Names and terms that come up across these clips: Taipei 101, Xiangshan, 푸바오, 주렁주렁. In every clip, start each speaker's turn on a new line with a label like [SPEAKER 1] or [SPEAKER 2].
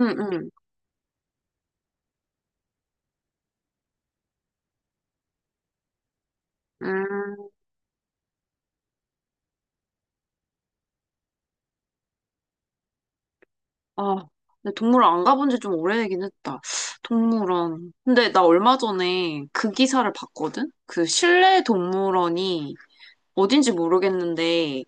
[SPEAKER 1] 응응. 음. 아, 근데 동물원 안 가본 지 좀 오래되긴 했다. 동물원. 근데 나 얼마 전에 그 기사를 봤거든? 그 실내 동물원이 어딘지 모르겠는데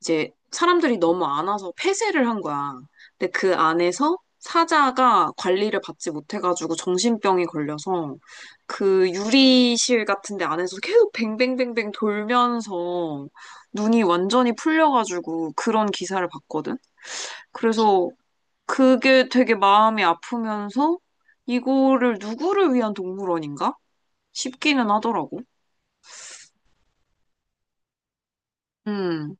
[SPEAKER 1] 이제 사람들이 너무 안 와서 폐쇄를 한 거야. 근데 그 안에서 사자가 관리를 받지 못해가지고 정신병이 걸려서 그 유리실 같은 데 안에서 계속 뱅뱅뱅뱅 돌면서 눈이 완전히 풀려가지고 그런 기사를 봤거든. 그래서 그게 되게 마음이 아프면서 이거를 누구를 위한 동물원인가 싶기는 하더라고. 음,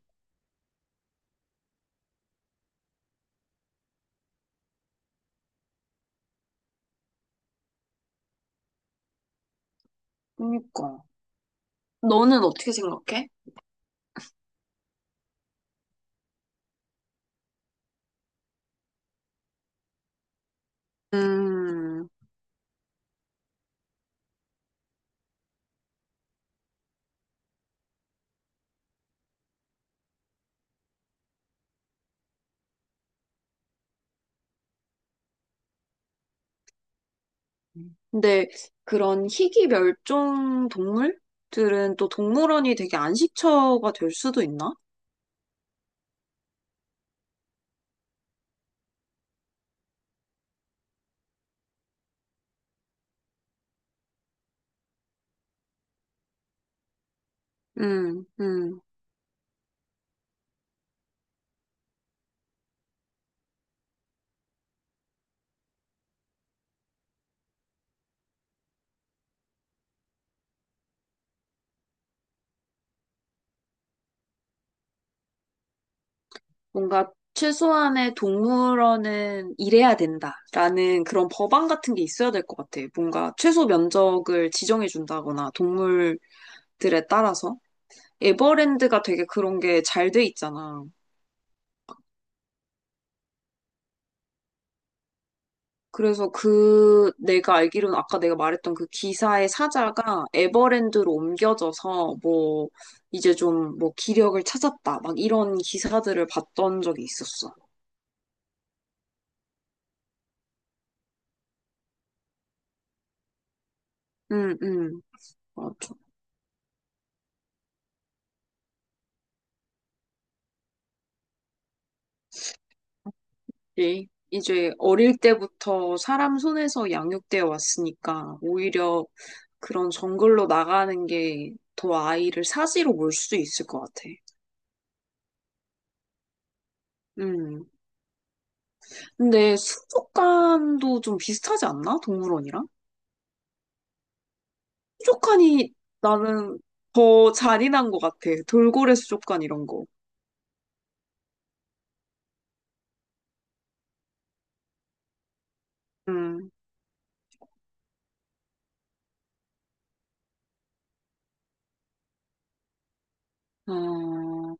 [SPEAKER 1] 그니까. 너는 어떻게 생각해? 음. 근데 그런 희귀 멸종 동물들은 또 동물원이 되게 안식처가 될 수도 있나? 음, 음. 뭔가 최소한의 동물원은 일해야 된다라는 그런 법안 같은 게 있어야 될 것 같아. 뭔가 최소 면적을 지정해 준다거나 동물들에 따라서. 에버랜드가 되게 그런 게 잘 돼 있잖아. 그래서 그 내가 알기로는 아까 내가 말했던 그 기사의 사자가 에버랜드로 옮겨져서 뭐 이제 좀 뭐 기력을 찾았다 막 이런 기사들을 봤던 적이 있었어. 응, 응, 맞아. 예. 이제 어릴 때부터 사람 손에서 양육되어 왔으니까 오히려 그런 정글로 나가는 게 더 아이를 사지로 몰 수도 있을 것 같아. 음. 근데 수족관도 좀 비슷하지 않나? 동물원이랑? 수족관이 나는 더 잔인한 것 같아. 돌고래 수족관 이런 거. 음. 아,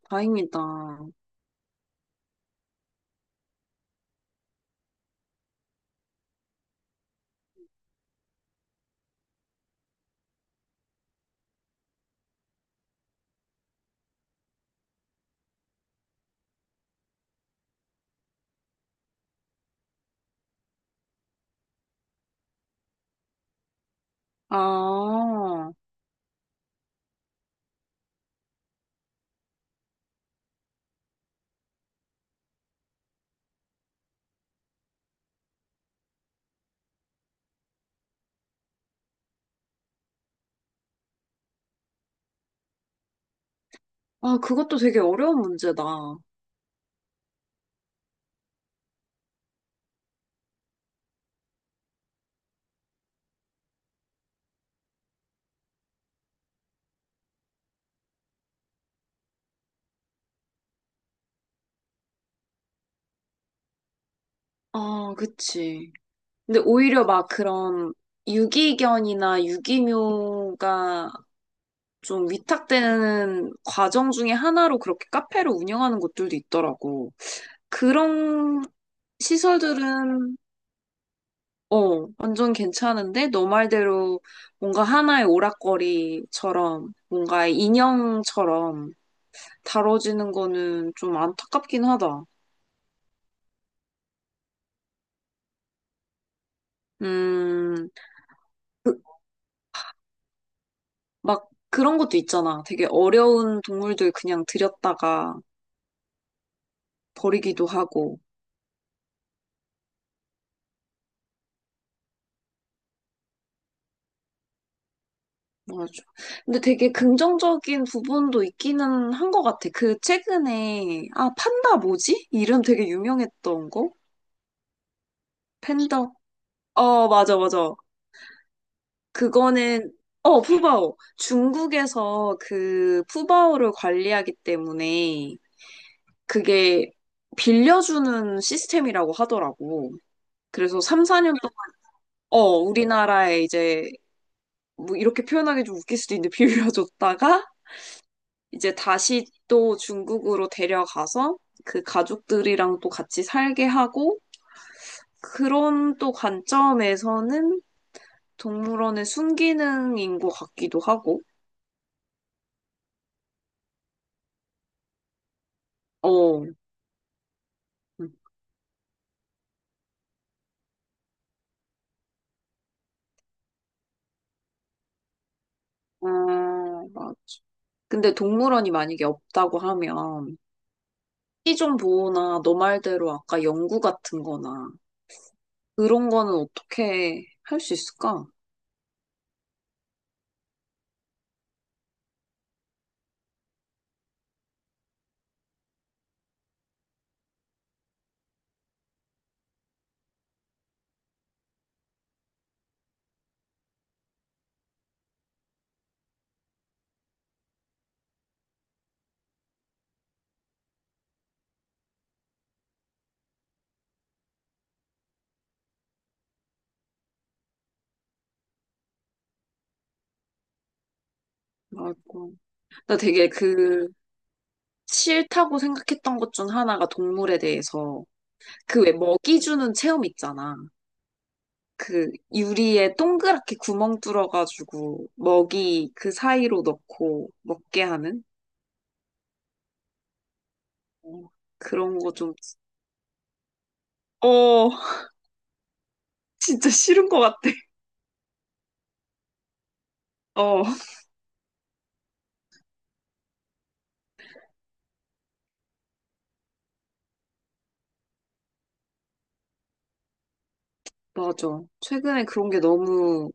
[SPEAKER 1] 다행이다. 아, 아, 그것도 되게 어려운 문제다. 아, 그치. 근데 오히려 막 그런 유기견이나 유기묘가 좀 위탁되는 과정 중에 하나로 그렇게 카페를 운영하는 곳들도 있더라고. 그런 시설들은 어, 완전 괜찮은데? 너 말대로 뭔가 하나의 오락거리처럼, 뭔가의 인형처럼 다뤄지는 거는 좀 안타깝긴 하다. 음. 그, 막 그런 것도 있잖아. 되게 어려운 동물들 그냥 들였다가 버리기도 하고. 맞아. 근데 되게 긍정적인 부분도 있기는 한 것 같아. 그 최근에, 아, 판다 뭐지? 이름 되게 유명했던 거? 팬더? 어, 맞아, 맞아. 그거는 어, 푸바오. 중국에서 그 푸바오를 관리하기 때문에 그게 빌려주는 시스템이라고 하더라고. 그래서 3, 4년 동안 어, 우리나라에 이제 뭐 이렇게 표현하기 좀 웃길 수도 있는데 빌려줬다가 이제 다시 또 중국으로 데려가서 그 가족들이랑 또 같이 살게 하고 그런 또 관점에서는 동물원의 순기능인 것 같기도 하고. 어. 어, 막, 근데 동물원이 만약에 없다고 하면 시종 보호나 너 말대로 아까 연구 같은 거나 그런 거는 어떻게 할 수 있을까? 아이고. 나 되게 그 싫다고 생각했던 것 중 하나가 동물에 대해서 그 왜 먹이 주는 체험 있잖아. 그 유리에 동그랗게 구멍 뚫어가지고 먹이 그 사이로 넣고 먹게 하는 어, 그런 거 좀, 어, 진짜 싫은 것 같아. 어. 맞아. 최근에 그런 게 너무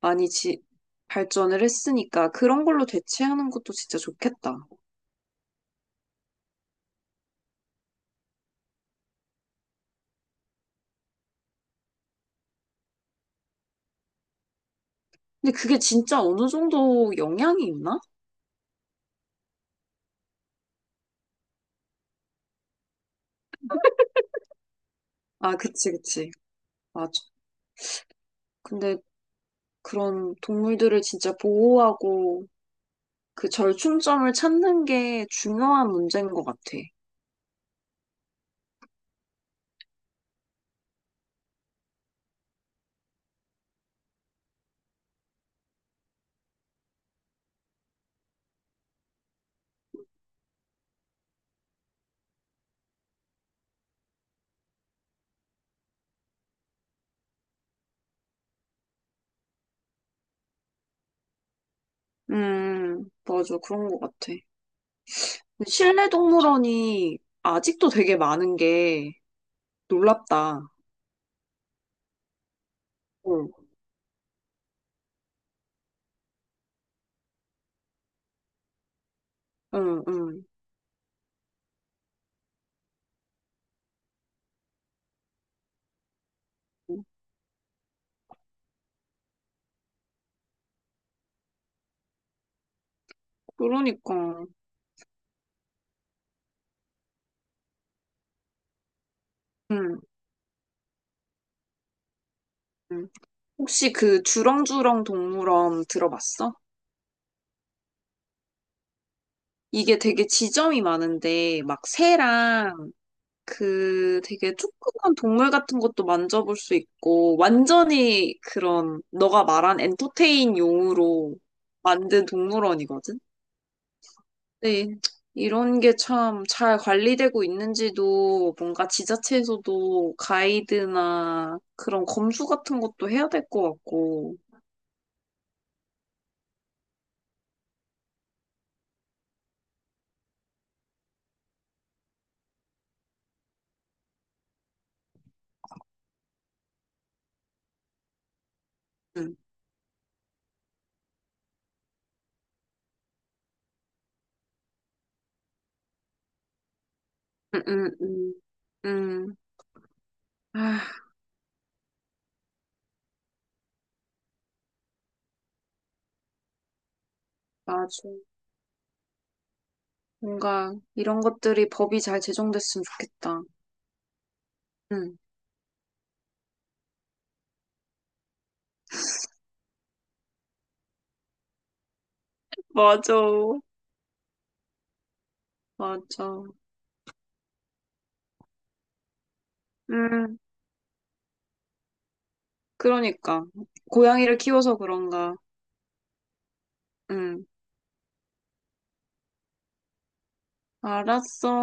[SPEAKER 1] 많이 발전을 했으니까 그런 걸로 대체하는 것도 진짜 좋겠다. 근데 그게 진짜 어느 정도 영향이 있나? 아, 그치, 그치. 맞아. 근데 그런 동물들을 진짜 보호하고 그 절충점을 찾는 게 중요한 문제인 것 같아. 맞아. 그런 것 같아. 근데 실내 동물원이 아직도 되게 많은 게 놀랍다. 응, 응, 응. 그러니까. 응. 응. 혹시 그 주렁주렁 동물원 들어봤어? 이게 되게 지점이 많은데, 막 새랑 그 되게 조그만 동물 같은 것도 만져볼 수 있고, 완전히 그런 너가 말한 엔터테인 용으로 만든 동물원이거든? 네. 이런 게 참 잘 관리되고 있는지도 뭔가 지자체에서도 가이드나 그런 검수 같은 것도 해야 될 것 같고. 응, 응, 응, 응. 응. 아, 맞아. 뭔가 이런 것들이 법이 잘 제정됐으면 좋겠다. 응, 맞아. 맞아. 음. 그러니까. 고양이를 키워서 그런가. 응, 알았어.